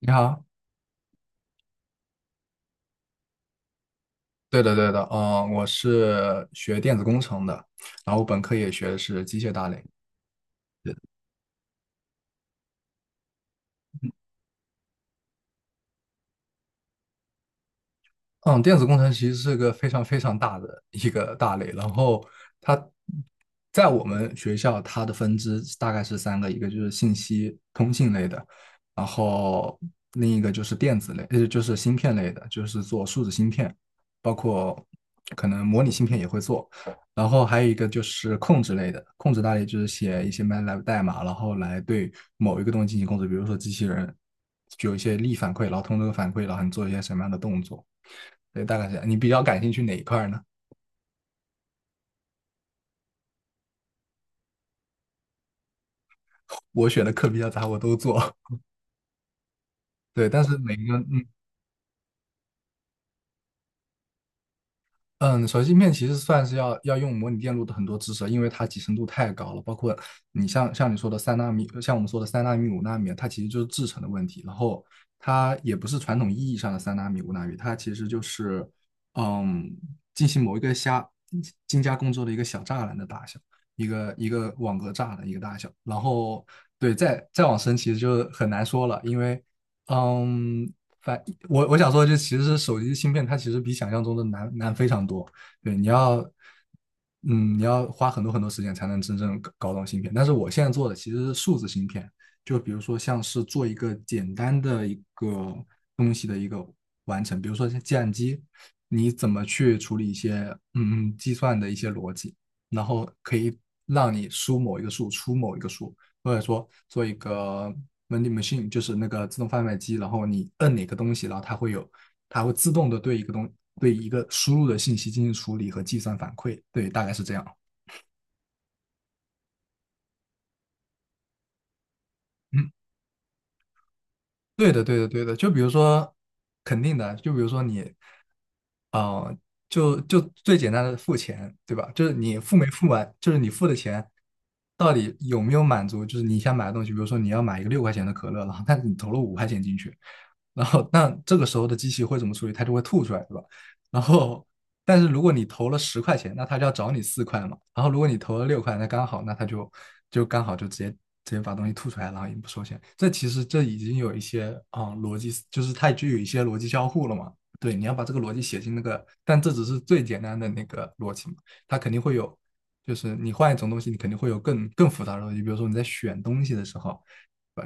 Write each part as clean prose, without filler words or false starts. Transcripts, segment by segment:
你好，对的对的，我是学电子工程的，然后本科也学的是机械大类，嗯，电子工程其实是个非常非常大的一个大类，然后它在我们学校它的分支大概是三个，一个就是信息通信类的，然后另一个就是电子类，就是芯片类的，就是做数字芯片，包括可能模拟芯片也会做，然后还有一个就是控制类的，控制大类就是写一些 MATLAB 代码，然后来对某一个东西进行控制，比如说机器人具有一些力反馈，然后通过这个反馈，然后你做一些什么样的动作。对，大概是这样。你比较感兴趣哪一块呢？我选的课比较杂，我都做。对，但是每个嗯嗯，手机芯片其实算是要用模拟电路的很多知识，因为它集成度太高了。包括你像你说的三纳米，像我们说的三纳米、五纳米，它其实就是制程的问题。然后它也不是传统意义上的三纳米、五纳米，它其实就是嗯进行某一个精加工之后的一个小栅栏的大小，一个一个网格栅栏一个大小。然后对，再往深其实就很难说了，因为嗯。反我想说，就其实是手机芯片，它其实比想象中的难非常多。对，你要花很多很多时间才能真正搞懂芯片。但是我现在做的其实是数字芯片，就比如说像是做一个简单的一个东西的一个完成，比如说像计算机，你怎么去处理一些计算的一些逻辑，然后可以让你输某一个数，出某一个数，或者说做一个 vending machine，就是那个自动贩卖机，然后你摁哪个东西，然后它会有，它会自动的对一个东对一个输入的信息进行处理和计算反馈，对，大概是这样。嗯，对的，对的，对的。就比如说，肯定的，就比如说你，呃，就最简单的付钱，对吧？就是你付没付完，就是你付的钱。到底有没有满足？就是你想买的东西，比如说你要买一个6块钱的可乐，然后但是你投了5块钱进去，然后那这个时候的机器会怎么处理？它就会吐出来，对吧？然后，但是如果你投了10块钱，那它就要找你4块嘛。然后如果你投了六块，那刚好，那它就刚好就直接把东西吐出来，然后也不收钱。这其实这已经有一些逻辑，就是它具有一些逻辑交互了嘛。对，你要把这个逻辑写进那个，但这只是最简单的那个逻辑嘛，它肯定会有，就是你换一种东西，你肯定会有更复杂的东西。比如说你在选东西的时候，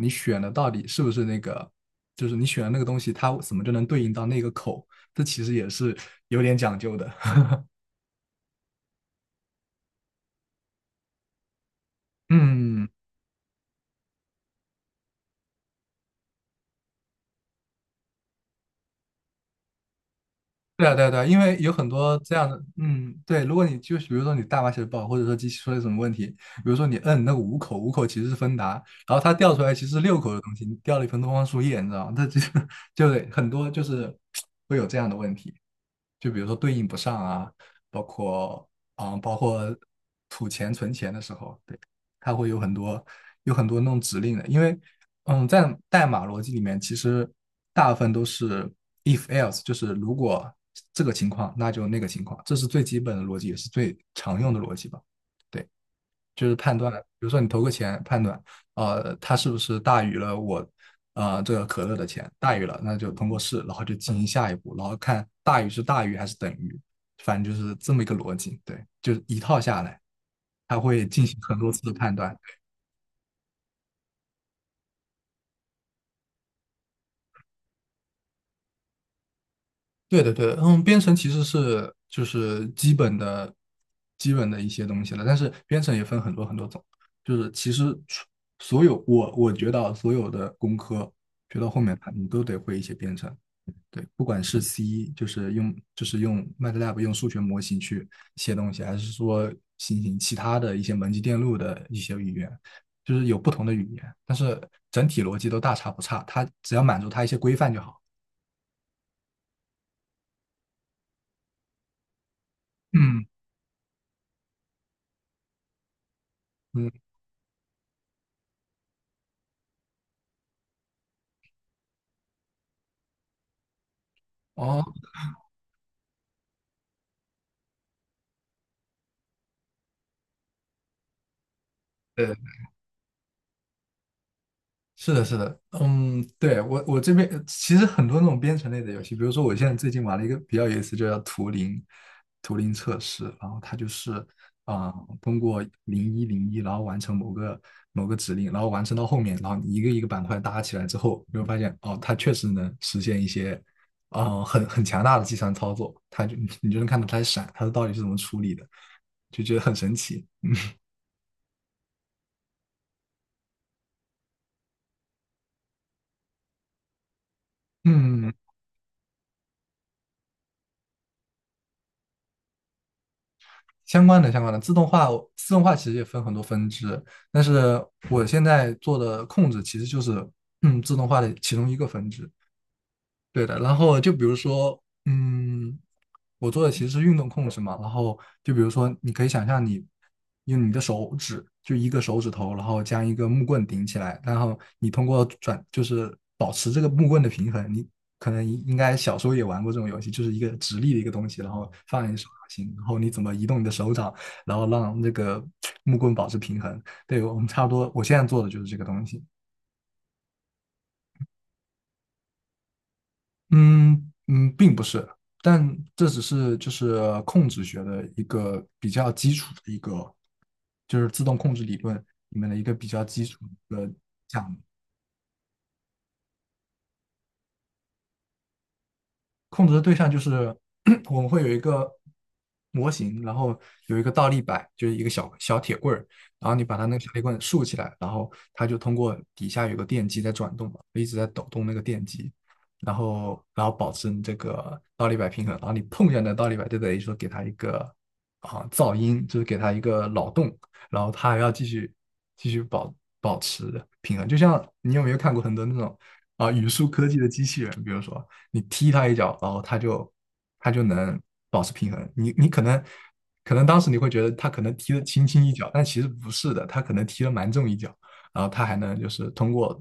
你选的到底是不是那个就是你选的那个东西，它怎么就能对应到那个口，这其实也是有点讲究的。嗯。对啊，对啊，对啊，因为有很多这样的，嗯，对，如果你就是比如说你代码写的不好，或者说机器出了什么问题，比如说你摁那个五口，五口其实是芬达，然后它掉出来其实是六口的东西，你掉了一盆东方树叶，你知道吗？它就是 就得很多就是会有这样的问题，就比如说对应不上啊，包括啊、包括吐钱存钱的时候，对，它会有很多那种指令的，因为在代码逻辑里面，其实大部分都是 if else，就是如果这个情况，那就那个情况，这是最基本的逻辑，也是最常用的逻辑吧。对，就是判断，比如说你投个钱，判断，它是不是大于了我，这个可乐的钱，大于了，那就通过试，然后就进行下一步，然后看大于是大于还是等于，反正就是这么一个逻辑。对，就是一套下来，它会进行很多次的判断。对的，对的，编程其实就是基本的、一些东西了，但是编程也分很多很多种，就是其实所有我觉得所有的工科学到后面它你都得会一些编程，对，不管是 C 就是用 MATLAB 用数学模型去写东西，还是说进行其他的一些门级电路的一些语言，就是有不同的语言，但是整体逻辑都大差不差，它只要满足它一些规范就好。嗯嗯，哦。是的，是的，嗯，对，我这边其实很多那种编程类的游戏，比如说我现在最近玩了一个比较有意思，就叫图灵测试，然后它就是通过0101，然后完成某个指令，然后完成到后面，然后你一个一个板块搭起来之后，你会发现哦，它确实能实现一些很强大的计算操作，你就能看到它闪，它到底是怎么处理的，就觉得很神奇。嗯，嗯相关的相关的自动化，自动化其实也分很多分支，但是我现在做的控制其实就是自动化的其中一个分支。对的，然后就比如说，嗯，我做的其实是运动控制嘛，然后就比如说，你可以想象你用你的手指，就一个手指头，然后将一个木棍顶起来，然后你通过转，就是保持这个木棍的平衡。你可能应该小时候也玩过这种游戏，就是一个直立的一个东西，然后放在你手掌心，然后你怎么移动你的手掌，然后让那个木棍保持平衡。对，我们差不多，我现在做的就是这个东西。嗯嗯，并不是，但这只是就是控制学的一个比较基础的一个，就是自动控制理论里面的一个比较基础的讲控制的对象就是 我们会有一个模型，然后有一个倒立摆，就是一个小铁棍儿，然后你把它那个小铁棍竖起来，然后它就通过底下有个电机在转动嘛，一直在抖动那个电机，然后保持你这个倒立摆平衡，然后你碰一下那倒立摆，就等于说给它一个噪音，就是给它一个扰动，然后它还要继续保持平衡，就像你有没有看过很多那种语数科技的机器人，比如说。你踢他一脚，然后他就能保持平衡。你可能当时你会觉得他可能踢了轻轻一脚，但其实不是的，他可能踢了蛮重一脚，然后他还能就是通过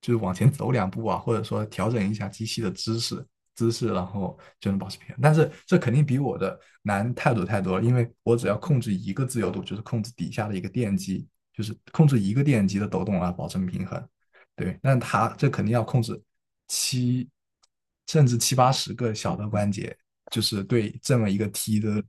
就是往前走两步啊，或者说调整一下机器的姿势，然后就能保持平衡。但是这肯定比我的难太多太多了，因为我只要控制一个自由度，就是控制底下的一个电机，就是控制一个电机的抖动啊，保证平衡。对，但他这肯定要控制七甚至七八十个小的关节，就是对这么一个 T 的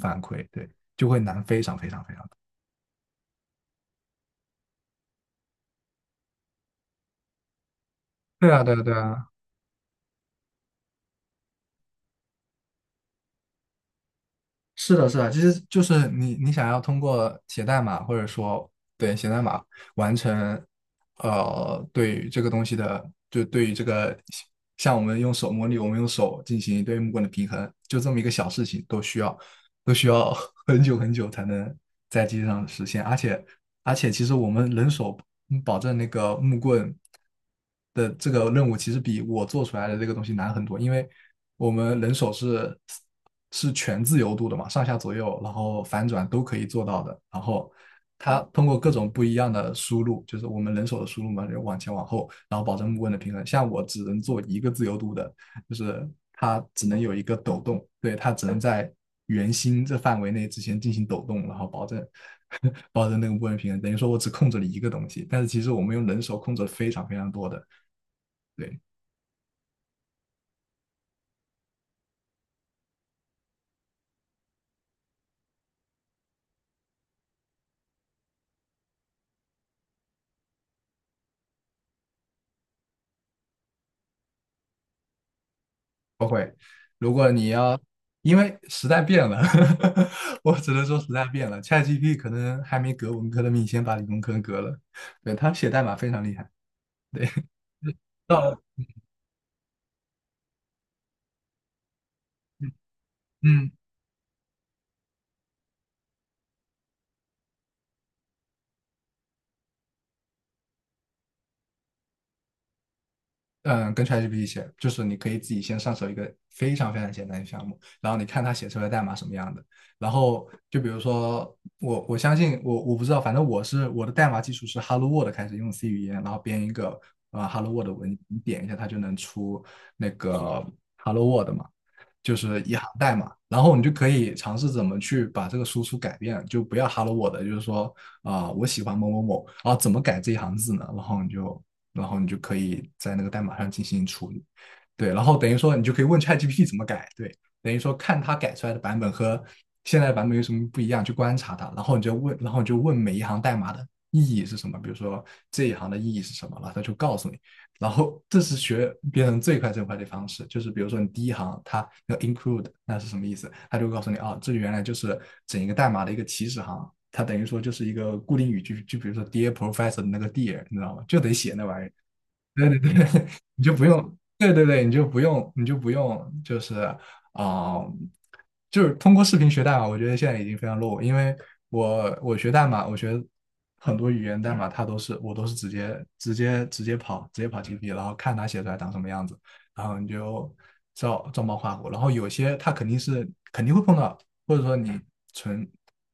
反馈，对，就会难非常非常非常多。对啊，对啊，对啊。是的，是的，其实就是你想要通过写代码，或者说对写代码完成，对于这个东西的，就对于这个，像我们用手模拟，我们用手进行对木棍的平衡，就这么一个小事情，都需要都需要 很久很久才能在机上实现，而且其实我们人手保证那个木棍的这个任务，其实比我做出来的这个东西难很多，因为我们人手是全自由度的嘛，上下左右，然后反转都可以做到的。然后它通过各种不一样的输入，就是我们人手的输入嘛，就往前往后，然后保证木棍的平衡。像我只能做一个自由度的，就是它只能有一个抖动，对，它只能在圆心这范围内之前进行抖动，然后保证 保证那个木棍平衡。等于说我只控制了一个东西，但是其实我们用人手控制了非常非常多的。对。不会。如果你要，因为时代变了，我只能说时代变了。ChatGPT 可能还没革文科的命，先把理工科革了。对，他写代码非常厉害。对，到了，嗯，嗯嗯，跟 ChatGPT 写，就是你可以自己先上手一个非常非常简单的项目，然后你看它写出来的代码什么样的。然后就比如说我，我相信我不知道，反正我是我的代码基础是 Hello World 开始用 C 语言，然后编一个啊 Hello World 文，你点一下它就能出那个 Hello World 嘛，就是一行代码。然后你就可以尝试怎么去把这个输出改变，就不要 Hello World，就是说啊、我喜欢某某某，然后怎么改这一行字呢？然后你就可以在那个代码上进行处理。对，然后等于说你就可以问 ChatGPT 怎么改，对，等于说看它改出来的版本和现在的版本有什么不一样，去观察它，然后你就问，然后你就问每一行代码的意义是什么，比如说这一行的意义是什么，然后它就告诉你。然后这是学编程最快最快的方式，就是比如说你第一行它要 include 那是什么意思，它就告诉你啊，这原来就是整一个代码的一个起始行，它等于说就是一个固定语句，就比如说 Dear Professor 的那个 Dear，你知道吗？就得写那玩意儿，对 对对，你就不用，对对对，你就不用，你就不用，就是啊、就是通过视频学代码，我觉得现在已经非常 low，因为我学代码，我学很多语言代码，它都是我都是直接跑 GP，然后看它写出来长什么样子，然后你就照照猫画虎，然后有些它肯定会碰到，或者说你纯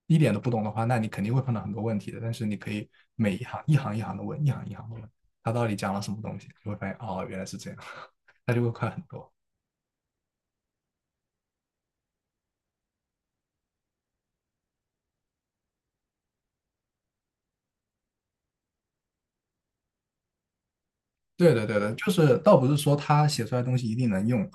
一点都不懂的话，那你肯定会碰到很多问题的，但是你可以每一行一行一行的问，一行一行的问。他到底讲了什么东西，就会发现哦，原来是这样，他就会快很多。对的，对的，就是倒不是说他写出来的东西一定能用，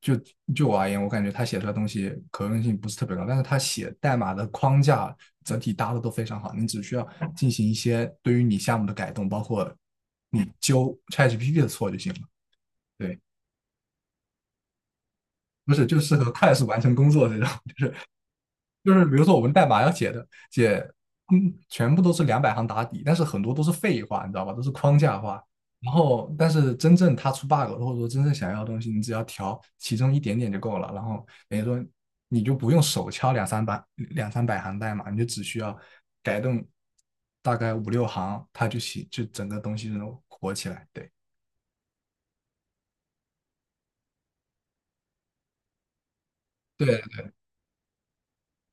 就就我而言，我感觉他写出来的东西可用性不是特别高，但是他写代码的框架整体搭的都非常好，你只需要进行一些对于你项目的改动，包括你纠 ChatGPT 的错就行了。对，不是就适合快速完成工作这种。就是比如说我们代码要写的写，嗯，全部都是200行打底，但是很多都是废话，你知道吧？都是框架化。然后，但是真正他出 bug 了，或者说真正想要的东西，你只要调其中一点点就够了。然后等于说你就不用手敲两三百行代码，你就只需要改动大概五六行，它就写就整个东西就能火起来。对对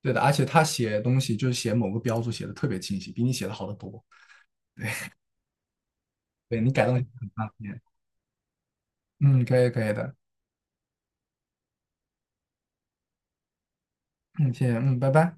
对的，而且他写东西就是写某个标注写的特别清晰，比你写的好得多。对你改动很方便。嗯，可以可以的。嗯，谢谢，嗯，拜拜。